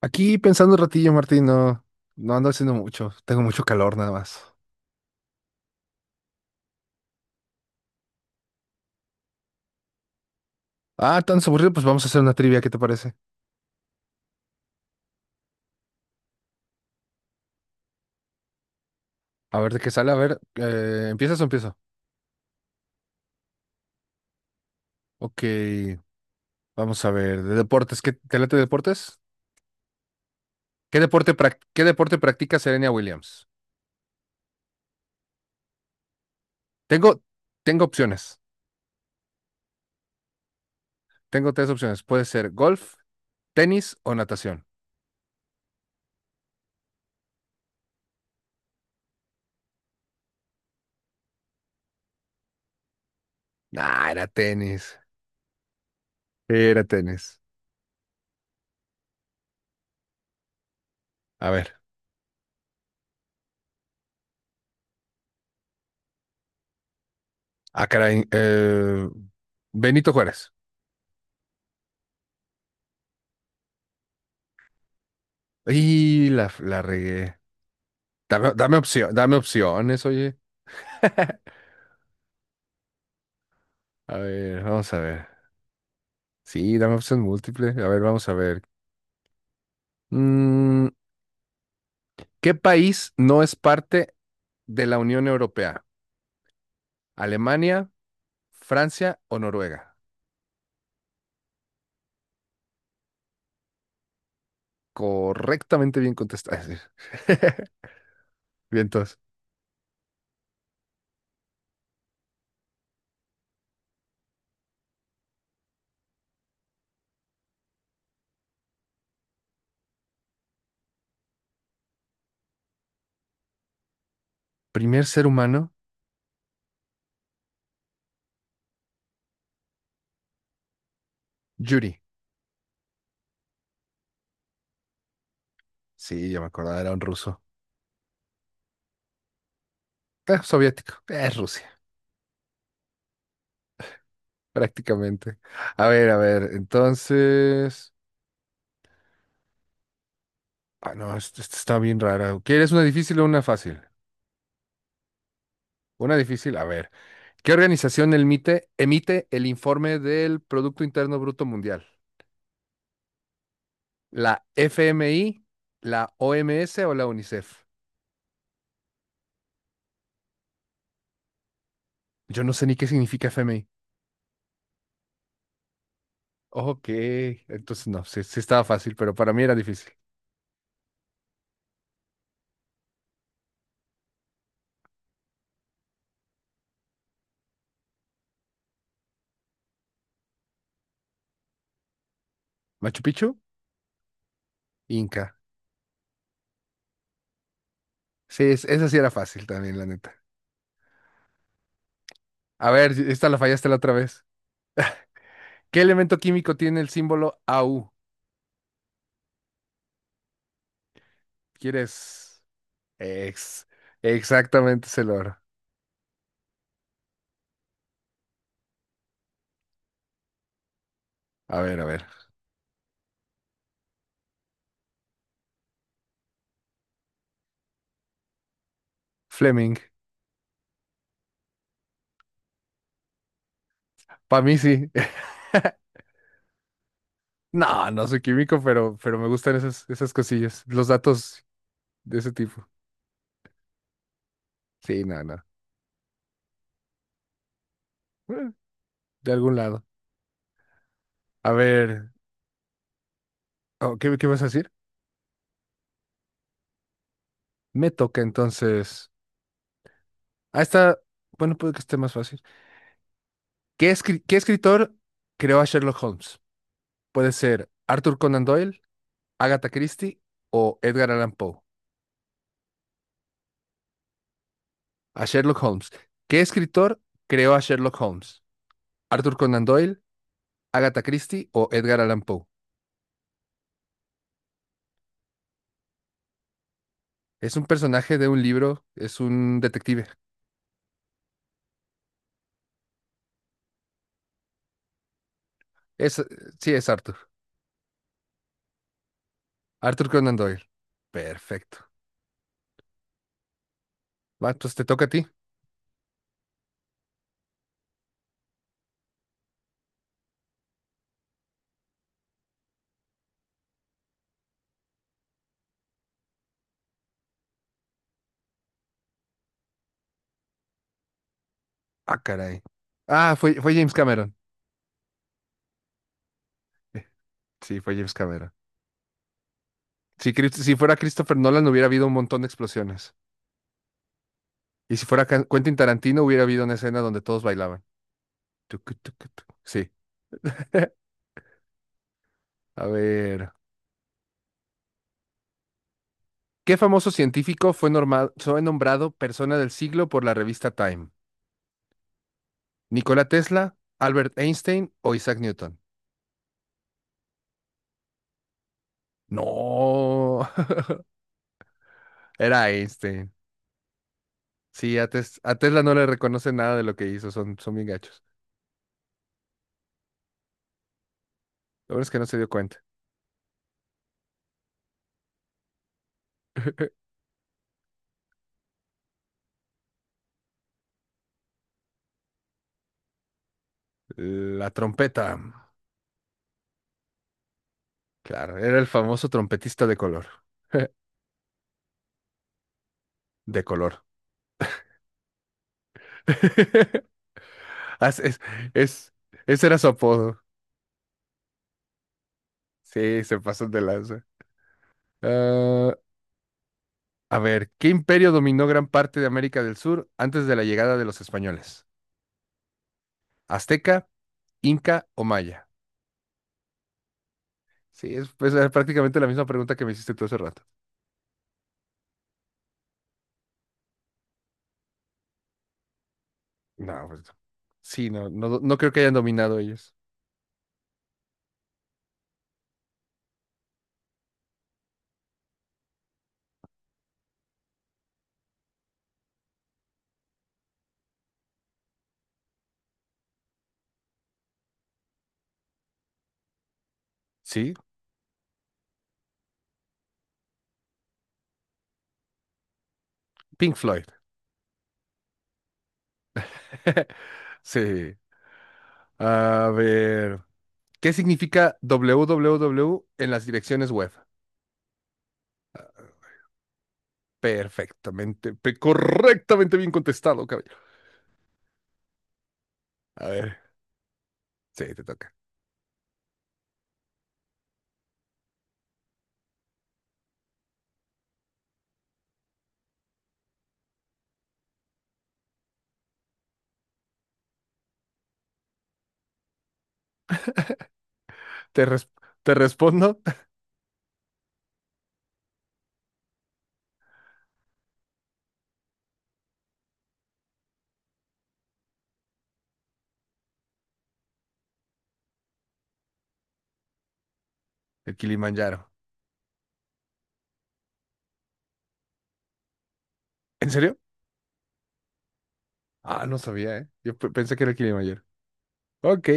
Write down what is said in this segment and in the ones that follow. Aquí pensando un ratillo, Martín, no ando haciendo mucho. Tengo mucho calor nada más. Ah, tan aburrido, pues vamos a hacer una trivia, ¿qué te parece? A ver de qué sale, a ver, ¿empiezas o empiezo? Ok, vamos a ver, de deportes, ¿qué te late deportes? ¿Qué deporte practica Serena Williams? Tengo, tengo opciones, tengo tres opciones. Puede ser golf, tenis o natación. Ah, era tenis, era tenis. A ver, ah, caray, Benito Juárez. Y la regué. Dame opción, dame opciones, oye. A ver, vamos a ver. Sí, dame opción múltiple. A ver, vamos a ver. Mm, ¿Qué país no es parte de la Unión Europea? ¿Alemania, Francia o Noruega? Correctamente bien contestada. Bien, entonces. Primer ser humano, Yuri. Sí, ya me acordaba, era un ruso. Soviético. Es Rusia, prácticamente. A ver, entonces. Ah, no, esta está bien rara. ¿Quieres una difícil o una fácil? Una difícil, a ver. ¿Qué organización emite el informe del Producto Interno Bruto Mundial? ¿La FMI, la OMS o la UNICEF? Yo no sé ni qué significa FMI. Ok, entonces no, sí, sí estaba fácil, pero para mí era difícil. ¿Machu Picchu? Inca. Sí, esa sí era fácil también, la neta. A ver, si, esta la fallaste la otra vez. ¿Qué elemento químico tiene el símbolo AU? ¿Quieres? Ex. Exactamente, es el oro. A ver, a ver. Fleming. Para mí sí. No, no soy químico, pero me gustan esas cosillas, los datos de ese tipo. Sí, no, no. Bueno, de algún lado. A ver, oh, ¿qué vas a decir? Me toca entonces. Ah, está. Bueno, puede que esté más fácil. ¿Qué escritor creó a Sherlock Holmes? Puede ser Arthur Conan Doyle, Agatha Christie o Edgar Allan Poe. A Sherlock Holmes. ¿Qué escritor creó a Sherlock Holmes? ¿Arthur Conan Doyle, Agatha Christie o Edgar Allan Poe? Es un personaje de un libro, es un detective. Es, sí, es Arthur. Arthur Conan Doyle. Perfecto. Va, entonces te toca a ti. Ah, caray. Ah, fue James Cameron. Eh, Sí, fue James Cameron. Si fuera Christopher Nolan, hubiera habido un montón de explosiones. Y si fuera Quentin Tarantino, hubiera habido una escena donde todos bailaban. Tucu, tucu, tucu. Sí. A ver. ¿Qué famoso científico fue nombrado persona del siglo por la revista Time? ¿Nikola Tesla, Albert Einstein o Isaac Newton? No, era Einstein. Sí, a Tesla no le reconoce nada de lo que hizo, son bien gachos. Lo bueno es que no se dio cuenta. La trompeta. Claro, era el famoso trompetista de color. De color. As- Es, es- ese era su apodo. Sí, se pasó de lanza. Ah, a ver, ¿qué imperio dominó gran parte de América del Sur antes de la llegada de los españoles? ¿Azteca, Inca o Maya? Sí, es pues, era prácticamente la misma pregunta que me hiciste tú hace rato. No, pues, sí, no, no, no creo que hayan dominado ellos. Sí, Pink Floyd. Sí. A ver, ¿qué significa WWW en las direcciones web? Correctamente bien contestado, caballero. A ver, sí, te toca. Te, res- te respondo, el Kilimanjaro. ¿En serio? Ah, no sabía, ¿eh? Yo pensé que era el Kilimanjaro. Ok,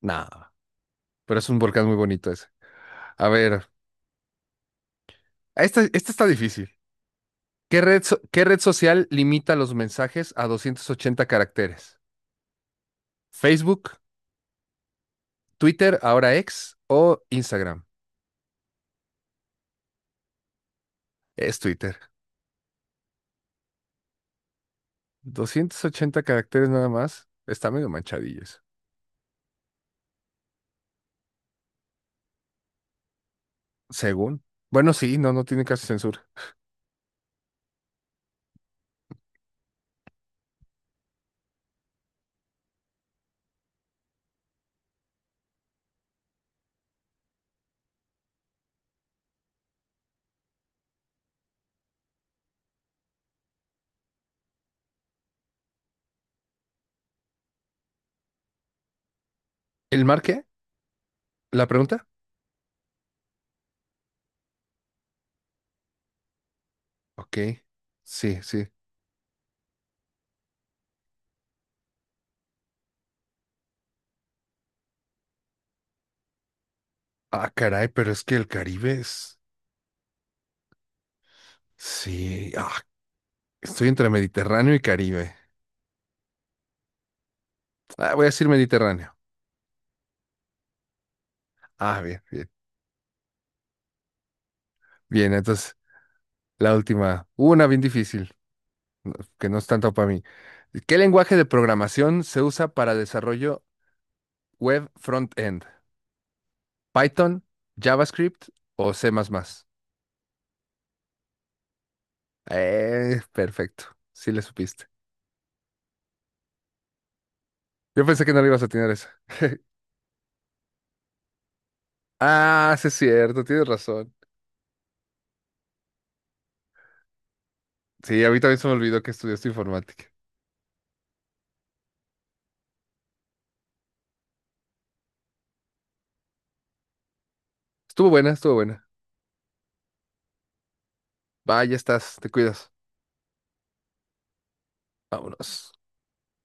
nada, pero es un volcán muy bonito ese. A ver, esta está difícil. ¿Qué red social limita los mensajes a 280 caracteres? ¿Facebook, Twitter, ahora X o Instagram? Es Twitter. 280 caracteres nada más. Está medio manchadillo eso. Según. Bueno, sí, no tiene casi censura. ¿El mar qué? ¿La pregunta? Ok. Sí, sí. Ah, caray, pero es que el Caribe es. Sí, ah, estoy entre Mediterráneo y Caribe. Ah, voy a decir Mediterráneo. Ah, bien, bien. Bien, entonces la última, una bien difícil, que no es tanto para mí. ¿Qué lenguaje de programación se usa para desarrollo web front-end? ¿Python, JavaScript o C++? Perfecto, sí le supiste. Yo pensé que no le ibas a tener esa. Ah, sí es cierto, tienes razón. Sí, a mí también se me olvidó que estudiaste informática. Estuvo buena, estuvo buena. Va, ya estás, te cuidas. Vámonos.